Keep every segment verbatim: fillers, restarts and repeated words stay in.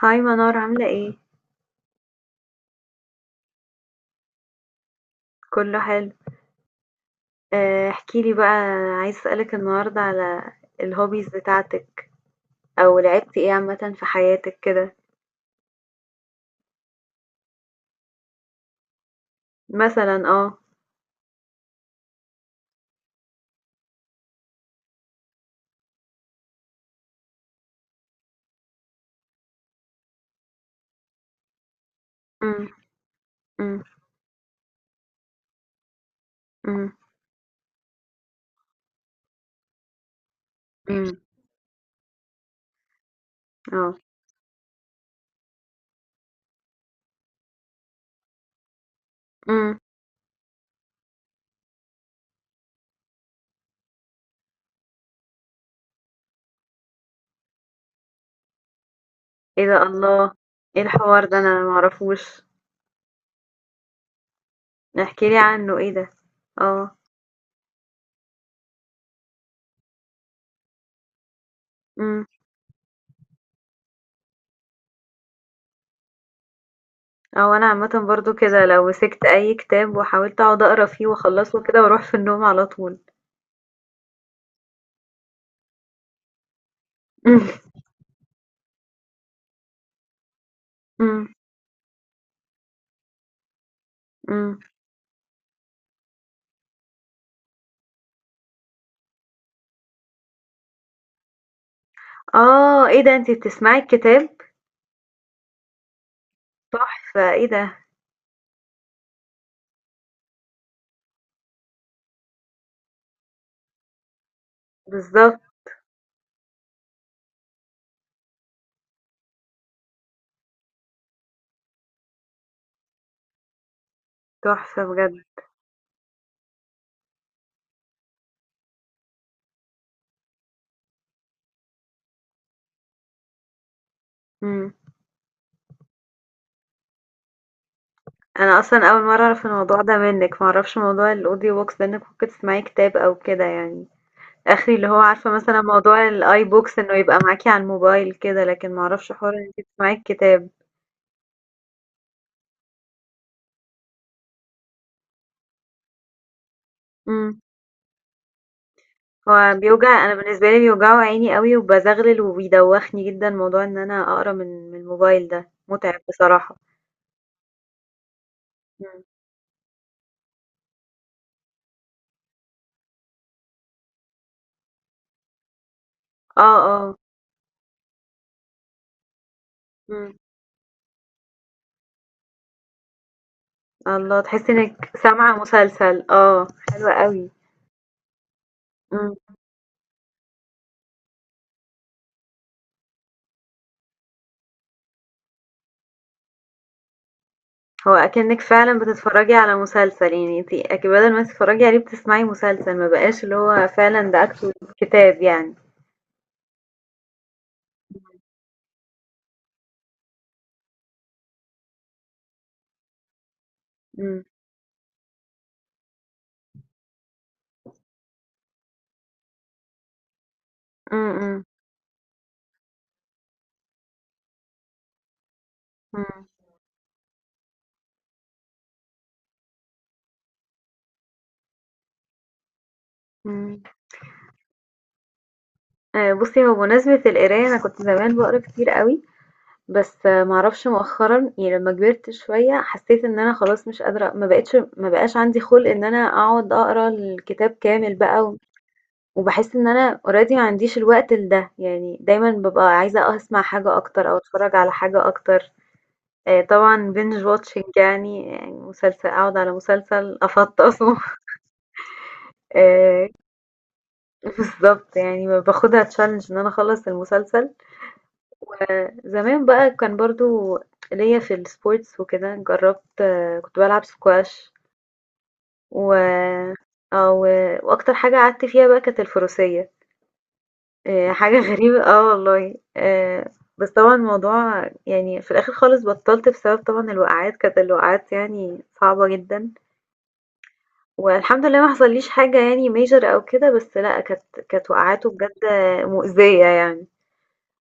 هاي منار عاملة ايه؟ كله حلو. آه، احكيلي بقى. عايز اسألك النهاردة على الهوبيز بتاعتك او لعبتي ايه عامة في حياتك كده. مثلا اه. أم. أم. أم. أم. اه. أم. ايه ده، الله! ايه الحوار ده؟ انا معرفوش. احكيلي عنه، ايه ده؟ اه. أم. او انا عامة برضو كده، لو مسكت اي كتاب وحاولت اقعد اقرا فيه واخلصه كده، واروح في النوم على طول. أم. أم. أم. اه، ايه ده؟ انتي بتسمعي الكتاب؟ تحفة! إيه ده؟ بالضبط. تحفة بجد. إمم. أنا أصلًا أول مرّة أعرف الموضوع ده منِّك، ما أعرفش موضوع الaudio books ده، إنِّك ممكن تسمعي كتاب أو كده يعني. آخري اللي هو عارفة مثلًا موضوع الiBooks إنه يبقى معاكِ على الموبايل كده، لكن ما أعرفش حوار إن أنتِ تسمعي الكتاب. إمم. هو بيوجع، أنا بالنسبة لي بيوجعوا عيني أوي وبازغلل وبيدوّخني جدًا موضوع إن أنا أقرا من من الموبايل ده، مُتعب بصراحة. إمم. آه. آه. إمم. الله، تحسّي إنِّك سامعة مسلسل. آه، حلو أوي. إمم. هو أكنِّك فعلًا بتتفرّجي على مسلسل، يعني أنتِ أك بدل ما تتفرّجي عليه بتسمعي مسلسل، ما بقاش اللي هو فعلًا ده أكتُه كتاب يعني. إمم. إمم. إمم. إمم. إمم. آآ بُصّي، هو بمناسبة القراية أنا كنت زمان باقرا كتير أوي، بس ما أعرفش مؤخرًا يعني لمّا كبرت شوية حسّيت إن أنا خلاص مش قادرة، ما بقيتش ما بقاش عندي خُلْق إن أنا أقعد أقرا الكتاب كامل بقى، و وباحس إن أنا already ما عنديش الوقت لده، يعني دايمًا بابقى عايزة أسمع حاجة أكتر أو أتفرّج على حاجة أكتر. آآ طبعًا binge watching، يعني يعني مسلسل أقعد على مسلسل أفطّسه. آآ بالضبط، يعني ب باخدها challenge إن أنا أخلّص المسلسل. فزمان بقى كان برضه ليّا في الsports وكده، جرّبت آه، كنت بالعب squash، و آه، و وأكتر حاجة قعدت فيها بقى كانت الفروسية، آآ حاجة غريبة آه والله، آآ بس طبعًا الموضوع يعني في الآخر خالص بطّلت بسبب طبعًا الوقعات، كانت الوقعات يعني صعبة جدًا. والحمد لله ما حصليش حاجة يعني major أو كده، بس لأ كانت كانت وقعاته بجد مؤذية يعني.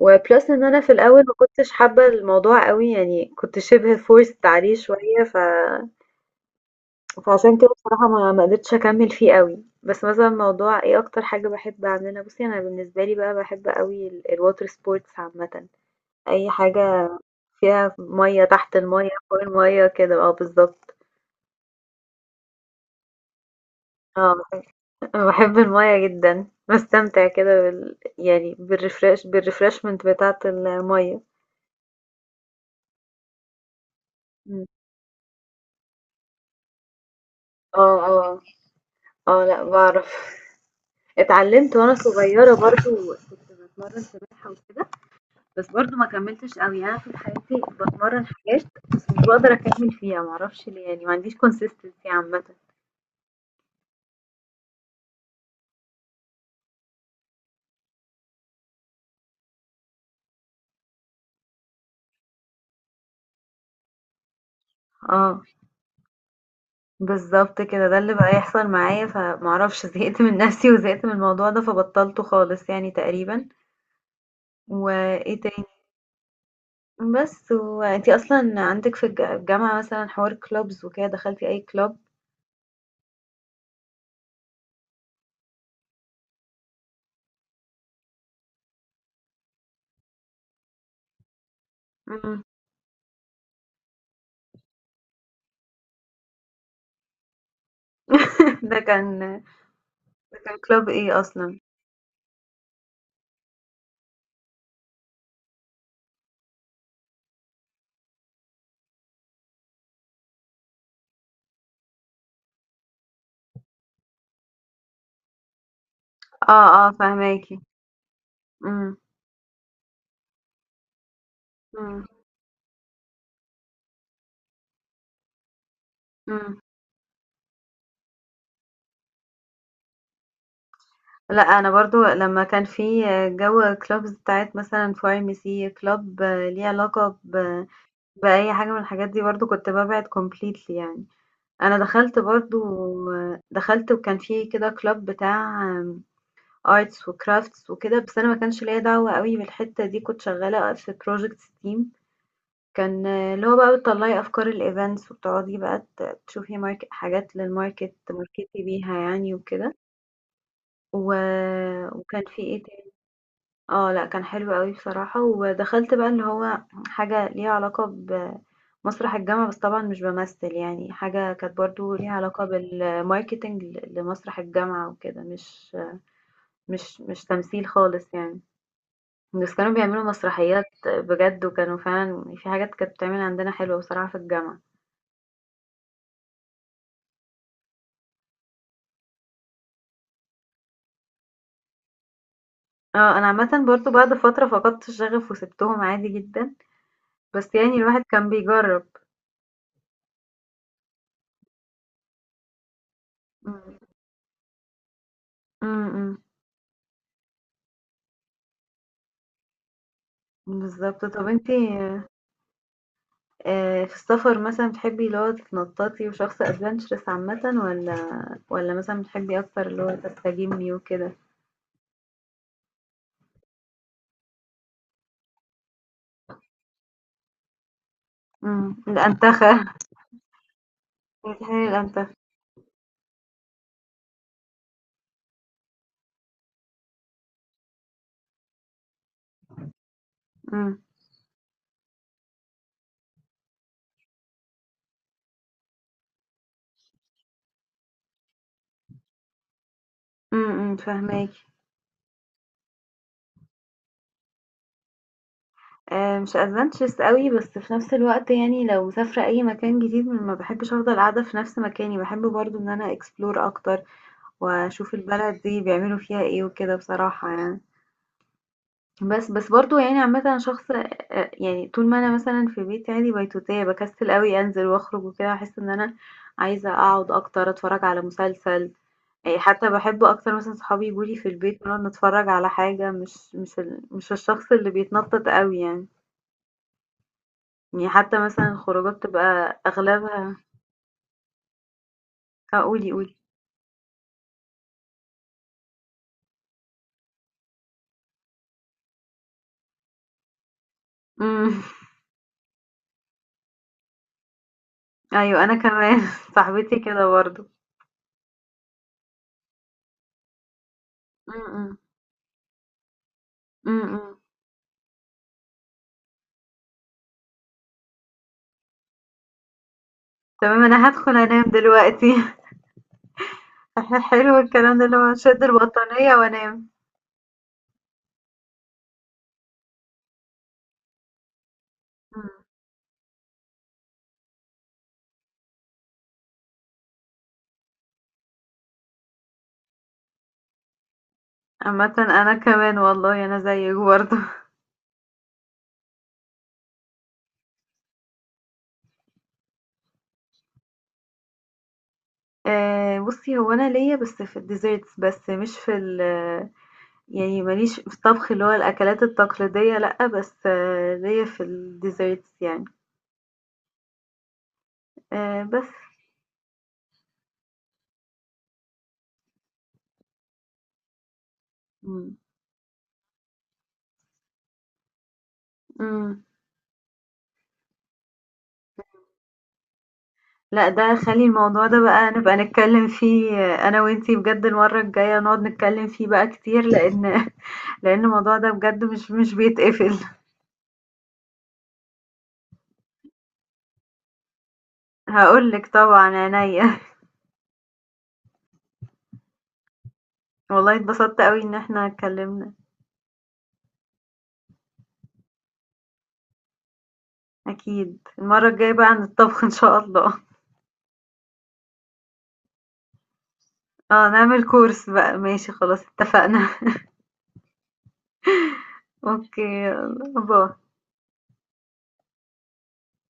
وبلس إن أنا في الأول ما كنتش حابة الموضوع قوي، يعني كنت شبه forced عليه شوية ف... فعشان كده بصراحة ما ما قدرتش أكمل فيه قوي. بس مثلا موضوع ايه أكتر حاجة بحب أعملها، بصي أنا بالنسبة لي بقى بحب قوي ال- الwater sports عامة، أي حاجة فيها مية، تحت المية فوق المية كده، اه بالظبط. آه، أنا باحب المَيَّة جدًا، باستمتع كده بال يعني بالrefresh بالrefreshment بتاعة المَيَّة. إمم. آه. آه. آه، لأ باعرف. اتعلمت وأنا صغيرة برضه، كنت باتمرّن سباحة وكده، بس برضه ما كمّلتش أوي، يعني أنا طول حياتي باتمرّن حاجات بس مش باقدر أكمّل فيها، ما أعرفش ليه، يعني ما عنديش consistency عامةً. آه، بالضبط كده، ده اللي بقى يحصل معايا، فما أعرفش، زهقت من نَفْسي وزهقت من الموضوع ده، فبطّلته خالص يعني تقريبًا. وإيه تا بس وأنتِ أصلًا عندِك في الج الجامعة مثلًا حوار clubs وكده، دخلتِ أي club؟ إمم. ده كان ده كان club إيه أصلًا؟ آه، آه فاهماكِ. إمم. إمم. إمم. لأ أنا برضه لمّا كان في جو clubs بتاعة مثلًا pharmacy club ليه علاقة ب بأي حاجة من الحاجات دي، برضه كنت بابعد completely يعني. أنا دخلت برضه دخلت وكان في كده club بتاع arts وcrafts وكده، بس أنا ما كانش ليّا دعوة أوي بالحتّة دي، كنت شغّالة في project steam. كان آه، اللي هو بقى بتطلّعي أفكار الevents وبتقعدي بقى ت تشوفي mark حاجات للmarket، تماركتي بيها يعني وكده، و وكان في إيه تاني. آه لأ كان حلو أوي بصراحة، ودخلت بقى اللي هو حاجة ليها علاقة بمسرح الجامعة، بس طبعًا مش بامثّل يعني، حاجة كانت برضه ليها علاقة بالmarketing ل لمسرح الجامعة وكده، مش مش مش تمثيل خالص يعني. بس كانوا بيعملوا مسرحيات بجد، وكانوا فعلا في حاجات كانت بتعمل عندنا حلوة بصراحة في الجامعة. اه انا عامة برضو بعد فترة فقدت الشغف وسبتهم عادي جدا، بس يعني الواحد كان بيجرب. مم. مم. بالظبط. طب انتي آه، في السفر مثلا بتحبي اللي هو تتنططي وشخص ادفنتشرس عامة، ولا ولا مثلا بتحبي اكتر اللي هو تستجمي وكده. مم. الانتخة! بتحبي الانتخة. امم. امم فاهماكي. آآ مش adventures أوي، بس في نفس الوقت يعني لو مسافرة أي مكان جديد ما باحبش أفضل قاعدة في نفس مكاني، باحب برضه إن أنا explore أكتر، وأشوف البلد دي بيعملوا فيها إيه وكده بصراحة يعني. بس بس برضه يعني عامةً أنا شخص آآ يعني طول ما أنا مثلًا في بيتي عادي بيتوتية، باكسل أوي أنزل وأخرج وكده، أحس إن أنا عايزة أقعد أكتر، أتفرج على مسلسل، آآ حتى باحب أكتر مثلًا صحابي ييجوا لي في البيت ونقعد نتفرج على حاجة، مش مش ال مش الشخص اللي بيتنطط أوي يعني. يعني حتى مثلًا الخروجات بتبقى أغلبها آه، قولي، قولي. إمم. أيوه، أنا كمان صاحبتي كده برضه. إمم. إمم. إمم، إمم. تمام، أنا هادخل أنام دلوقتي. ح حلو الكلام ده، اللي هو أشد البطانية وأنام. إمم. عامةً أنا كمان والله، أنا زيِّك برضه. آآ بُصّي، هو أنا ليّا بس في الDesserts بس، مش في ال يعني ما ليش في الطبخ اللي هو الأكلات التقليدية لأ، بس آه ليّا في الDesserts يعني. آآ بس. إمم. إمم. لأ، ده خلّي الموضوع ده بقى نبقى نتكلّم فيه آه، أنا وأنتِ بجد المرّة الجاية نقعد نتكلّم فيه بقى كتير، لإن لإن الموضوع ده بجد مش مش بيتقفل. هاقول لِك طبعًا، عينيّا. والله اتبسطت أوي إن إحنا اتكلّمنا، أكيد. المرّة الجاية بقى عن الطبخ إن شاء الله. آه، نعمل course بقى، ماشي خلاص اتفقنا. أوكي، يالّا باي.